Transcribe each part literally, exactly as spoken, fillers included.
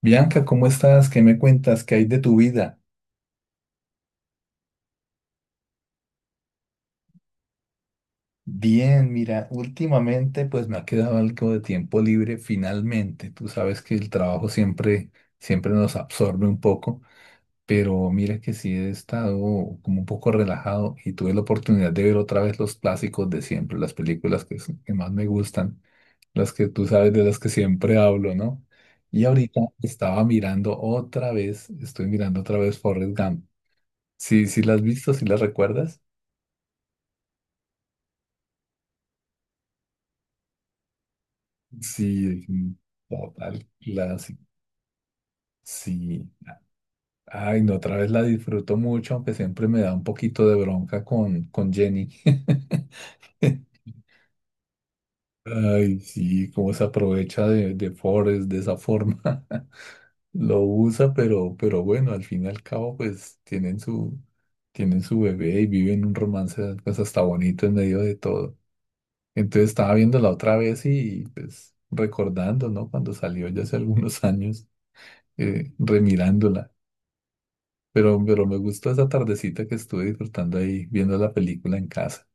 Bianca, ¿cómo estás? ¿Qué me cuentas? ¿Qué hay de tu vida? Bien, mira, últimamente pues me ha quedado algo de tiempo libre finalmente. Tú sabes que el trabajo siempre, siempre nos absorbe un poco, pero mira que sí he estado como un poco relajado y tuve la oportunidad de ver otra vez los clásicos de siempre, las películas que, s- que más me gustan, las que tú sabes de las que siempre hablo, ¿no? Y ahorita estaba mirando otra vez, estoy mirando otra vez Forrest Gump. Sí, sí las has visto, sí las recuerdas. Sí, es un total clásico. Sí. Ay, no, otra vez la disfruto mucho, aunque siempre me da un poquito de bronca con, con Jenny. Ay, sí, cómo se aprovecha de, de Forrest de esa forma. Lo usa, pero, pero bueno, al fin y al cabo, pues tienen su, tienen su bebé y viven un romance, pues hasta bonito en medio de todo. Entonces estaba viéndola otra vez y pues recordando, ¿no? Cuando salió ya hace algunos años, eh, remirándola. Pero, pero me gustó esa tardecita que estuve disfrutando ahí viendo la película en casa.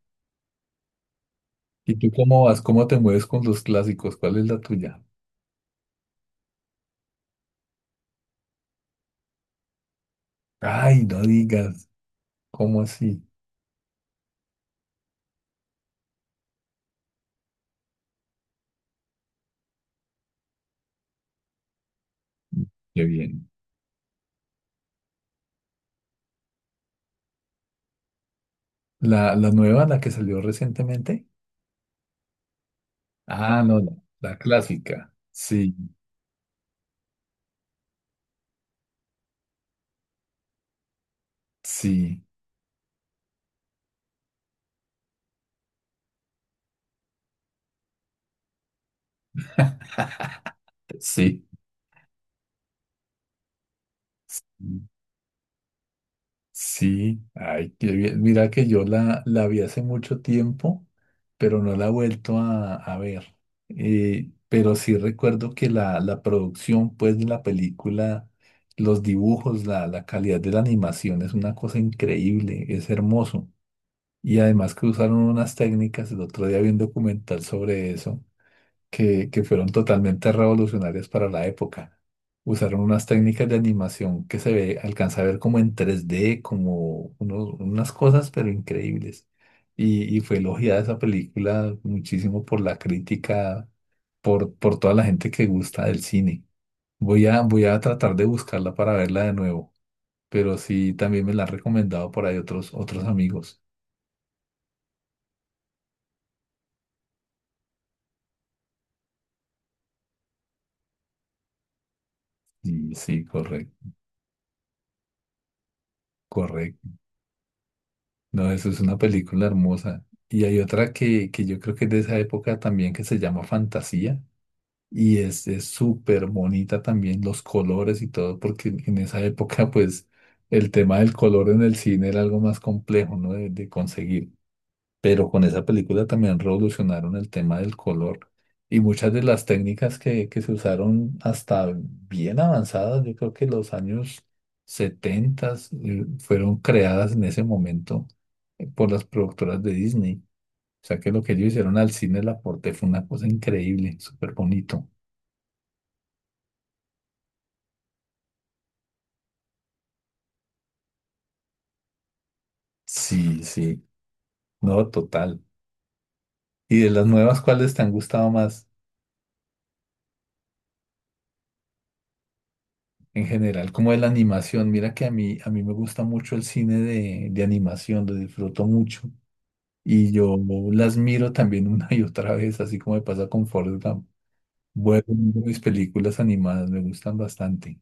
¿Y tú cómo vas? ¿Cómo te mueves con los clásicos? ¿Cuál es la tuya? Ay, no digas. ¿Cómo así? Qué bien. ¿La, la nueva, la que salió recientemente? Ah, no, la, la clásica. Sí, sí, sí. Sí. Sí, ay, qué bien. Mira que yo la, la vi hace mucho tiempo, pero no la he vuelto a, a ver. Eh, pero sí recuerdo que la, la producción, pues, de la película, los dibujos, la, la calidad de la animación es una cosa increíble, es hermoso. Y además que usaron unas técnicas, el otro día vi un documental sobre eso, que, que fueron totalmente revolucionarias para la época. Usaron unas técnicas de animación que se ve, alcanza a ver como en tres d como unos- unas cosas, pero increíbles. Y, y fue elogiada esa película muchísimo por la crítica, por, por toda la gente que gusta del cine. Voy a, voy a tratar de buscarla para verla de nuevo, pero sí, también me la han recomendado por ahí otros, otros amigos. Y sí, correcto, no, eso es una película hermosa. Y hay otra que, que yo creo que es de esa época también que se llama Fantasía. Y es es súper bonita también los colores y todo, porque en en esa época pues el tema del color en el cine era algo más complejo, ¿no? de de conseguir, pero con esa película también revolucionaron el tema del color, y muchas de las técnicas que, que se usaron hasta bien avanzadas, yo creo que los años setenta fueron creadas en ese momento, eh, por las productoras de Disney. O sea que lo que ellos hicieron al cine, el aporte fue una cosa increíble, súper bonito. Sí, sí, no, total. ¿Y de las nuevas, cuáles te han gustado más? En general, como de la animación. Mira que a mí, a mí me gusta mucho el cine de, de animación, lo disfruto mucho. Y yo las miro también una y otra vez, así como me pasa con Forrest Gump. Bueno, mis películas animadas me gustan bastante.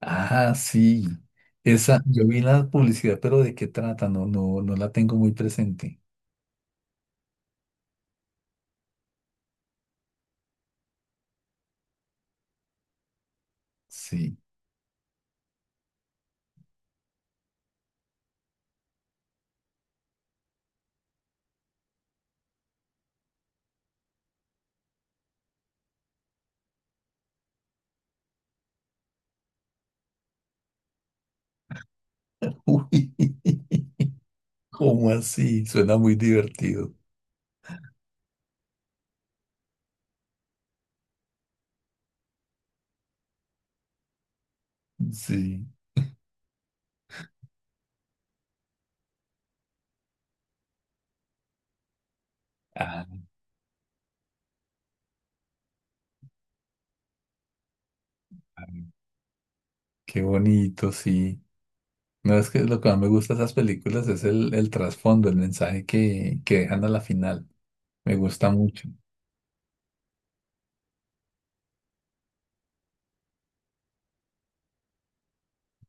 Ah, sí. Esa, yo vi la publicidad, pero ¿de qué trata? No, no, no la tengo muy presente. Sí. Uy, ¿cómo así? Suena muy divertido. Sí. Ah, qué bonito, sí. No, es que lo que más me gusta de esas películas es el, el trasfondo, el mensaje que, que dejan a la final. Me gusta mucho.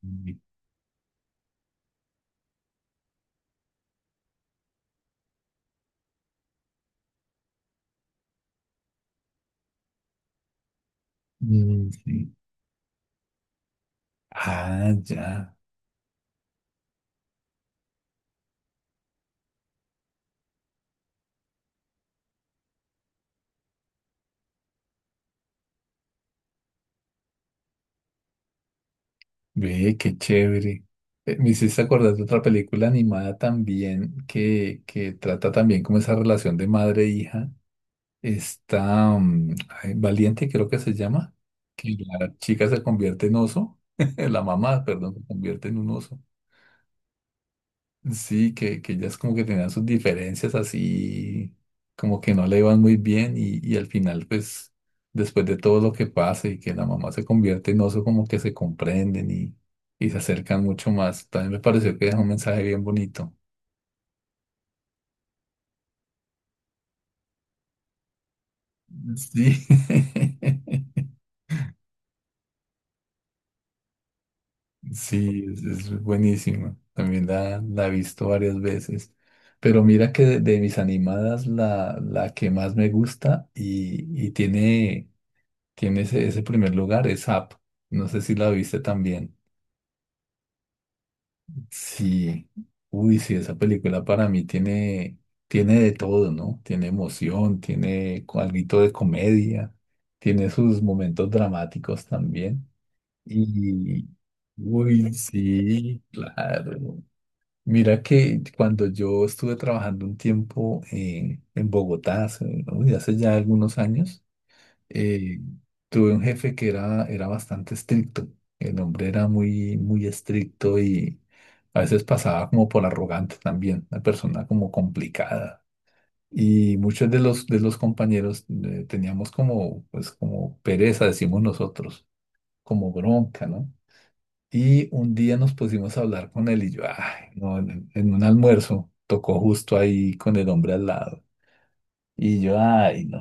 Mm, mm, sí. Ah, ya. Ve, qué chévere. Eh, Me hiciste acordar de otra película animada también que, que trata también como esa relación de madre e hija. Está mm, ay, Valiente, creo que se llama, que la chica se convierte en oso, la mamá, perdón, se convierte en un oso. Sí, que, que ellas como que tenían sus diferencias así, como que no le iban muy bien y, y al final pues después de todo lo que pasa y que la mamá se convierte en oso como que se comprenden, y, y se acercan mucho más. También me pareció que dejó un mensaje bien bonito. Sí, sí, es, es buenísima. También la, la he visto varias veces. Pero mira que de, de mis animadas la, la que más me gusta y, y tiene... tiene ese ese primer lugar, es Up. No sé si la viste también. Sí. Uy, sí, esa película para mí tiene, tiene de todo, ¿no? Tiene emoción, tiene algo de comedia, tiene sus momentos dramáticos también. Y, uy, sí, claro. Mira que cuando yo estuve trabajando un tiempo en, en Bogotá, hace, uy, hace ya algunos años, eh, tuve un jefe que era, era bastante estricto. El hombre era muy, muy estricto y a veces pasaba como por arrogante también, una persona como complicada. Y muchos de los, de los compañeros, eh, teníamos como, pues, como pereza, decimos nosotros, como bronca, ¿no? Y un día nos pusimos a hablar con él y yo, ay, no, en en un almuerzo, tocó justo ahí con el hombre al lado. Y yo, ay, no,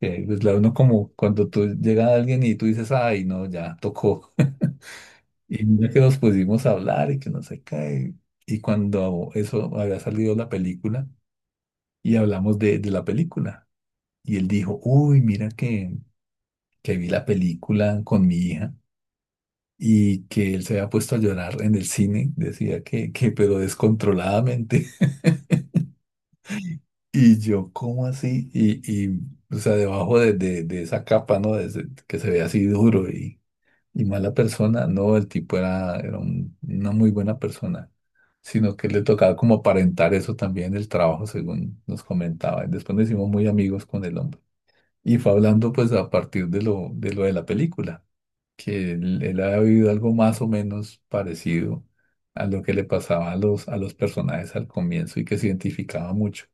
que pues la uno como cuando tú llega alguien y tú dices, ay, no, ya tocó. Y mira que nos pusimos a hablar y que no sé qué. Y cuando eso había salido la película y hablamos de, de la película. Y él dijo, uy, mira que, que vi la película con mi hija y que él se había puesto a llorar en el cine. Decía que, que pero descontroladamente. Y yo, ¿cómo así? Y, y o sea, debajo de, de, de esa capa, ¿no? de ese- que se ve así duro, y Y mala persona, no, el tipo era, era un- una muy buena persona, sino que le tocaba como aparentar eso también en el trabajo, según nos comentaba. Y después nos hicimos muy amigos con el hombre. Y fue hablando pues a partir de lo de, lo de la película, que él, él había vivido algo más o menos parecido a lo que le pasaba a los, a los personajes al comienzo y que se identificaba mucho.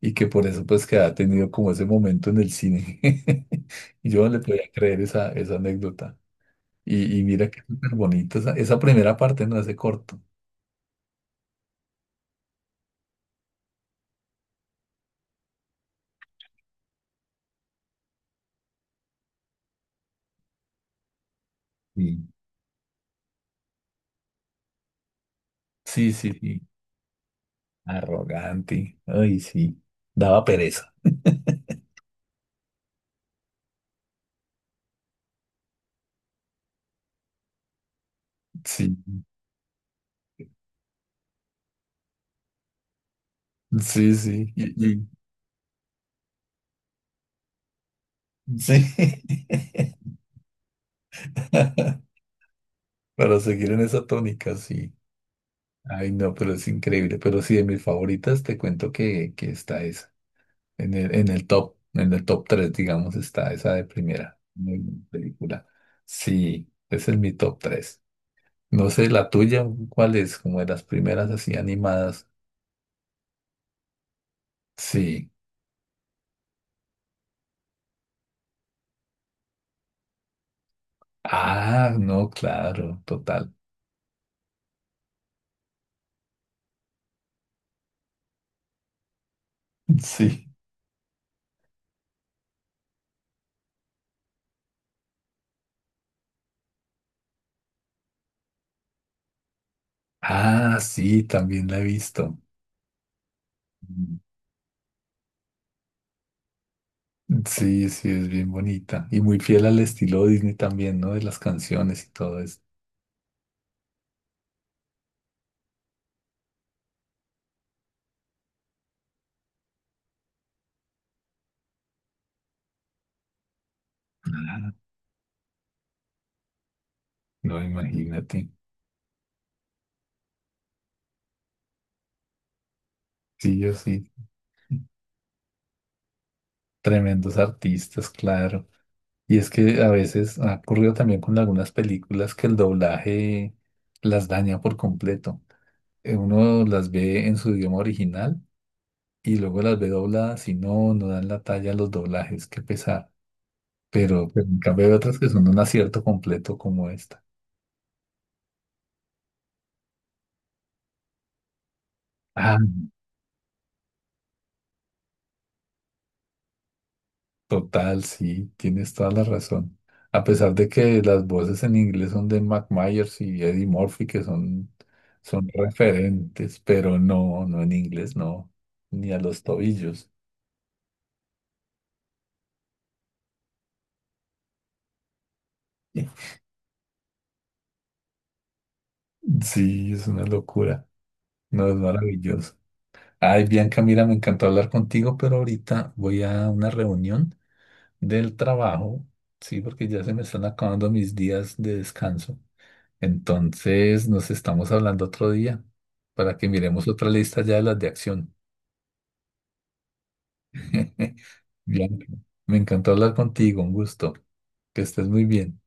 Y que por eso pues que ha tenido como ese momento en el cine. Y yo no le podía creer esa, esa anécdota. Y, y mira que es súper bonito esa, esa primera parte, ¿no? Ese corto. Sí. Sí, sí, sí. Arrogante. Ay, sí. Daba pereza. Sí, sí, sí. Y- y- sí. Para seguir en esa tónica, sí. Ay, no, pero es increíble. Pero sí, de mis favoritas, te cuento que, que está esa. En el, en el top, en el top tres, digamos, está esa de primera. Muy buena película. Sí, ese es mi top tres. No sé, la tuya, ¿cuál es? Como de las primeras así animadas. Sí. Ah, no, claro, total. Sí. Ah, sí, también la he visto. Mm. Sí, sí, es bien bonita. Y muy fiel al estilo Disney también, ¿no? De las canciones y todo eso. Ah, no, imagínate. Sí, yo sí. Tremendos artistas, claro. Y es que a veces ha ocurrido también con algunas películas que el doblaje las daña por completo. Eh, uno las ve en su idioma original y luego las ve dobladas y no, no dan la talla a los doblajes, qué pesar. Pero, pero en cambio hay otras que son un acierto completo como esta. Ah, total, sí, tienes toda la razón. A pesar de que las voces en inglés son de Mac Myers y Eddie Murphy, que son, son referentes, pero no, no en inglés, no, ni a los tobillos. Sí, es una locura. No, es maravilloso. Ay, Bianca, mira, me encantó hablar contigo, pero ahorita voy a una reunión del trabajo, sí, porque ya se me están acabando mis días de descanso. Entonces, nos estamos hablando otro día para que miremos otra lista ya de las de acción. Bianca, me encantó hablar contigo, un gusto. Que estés muy bien.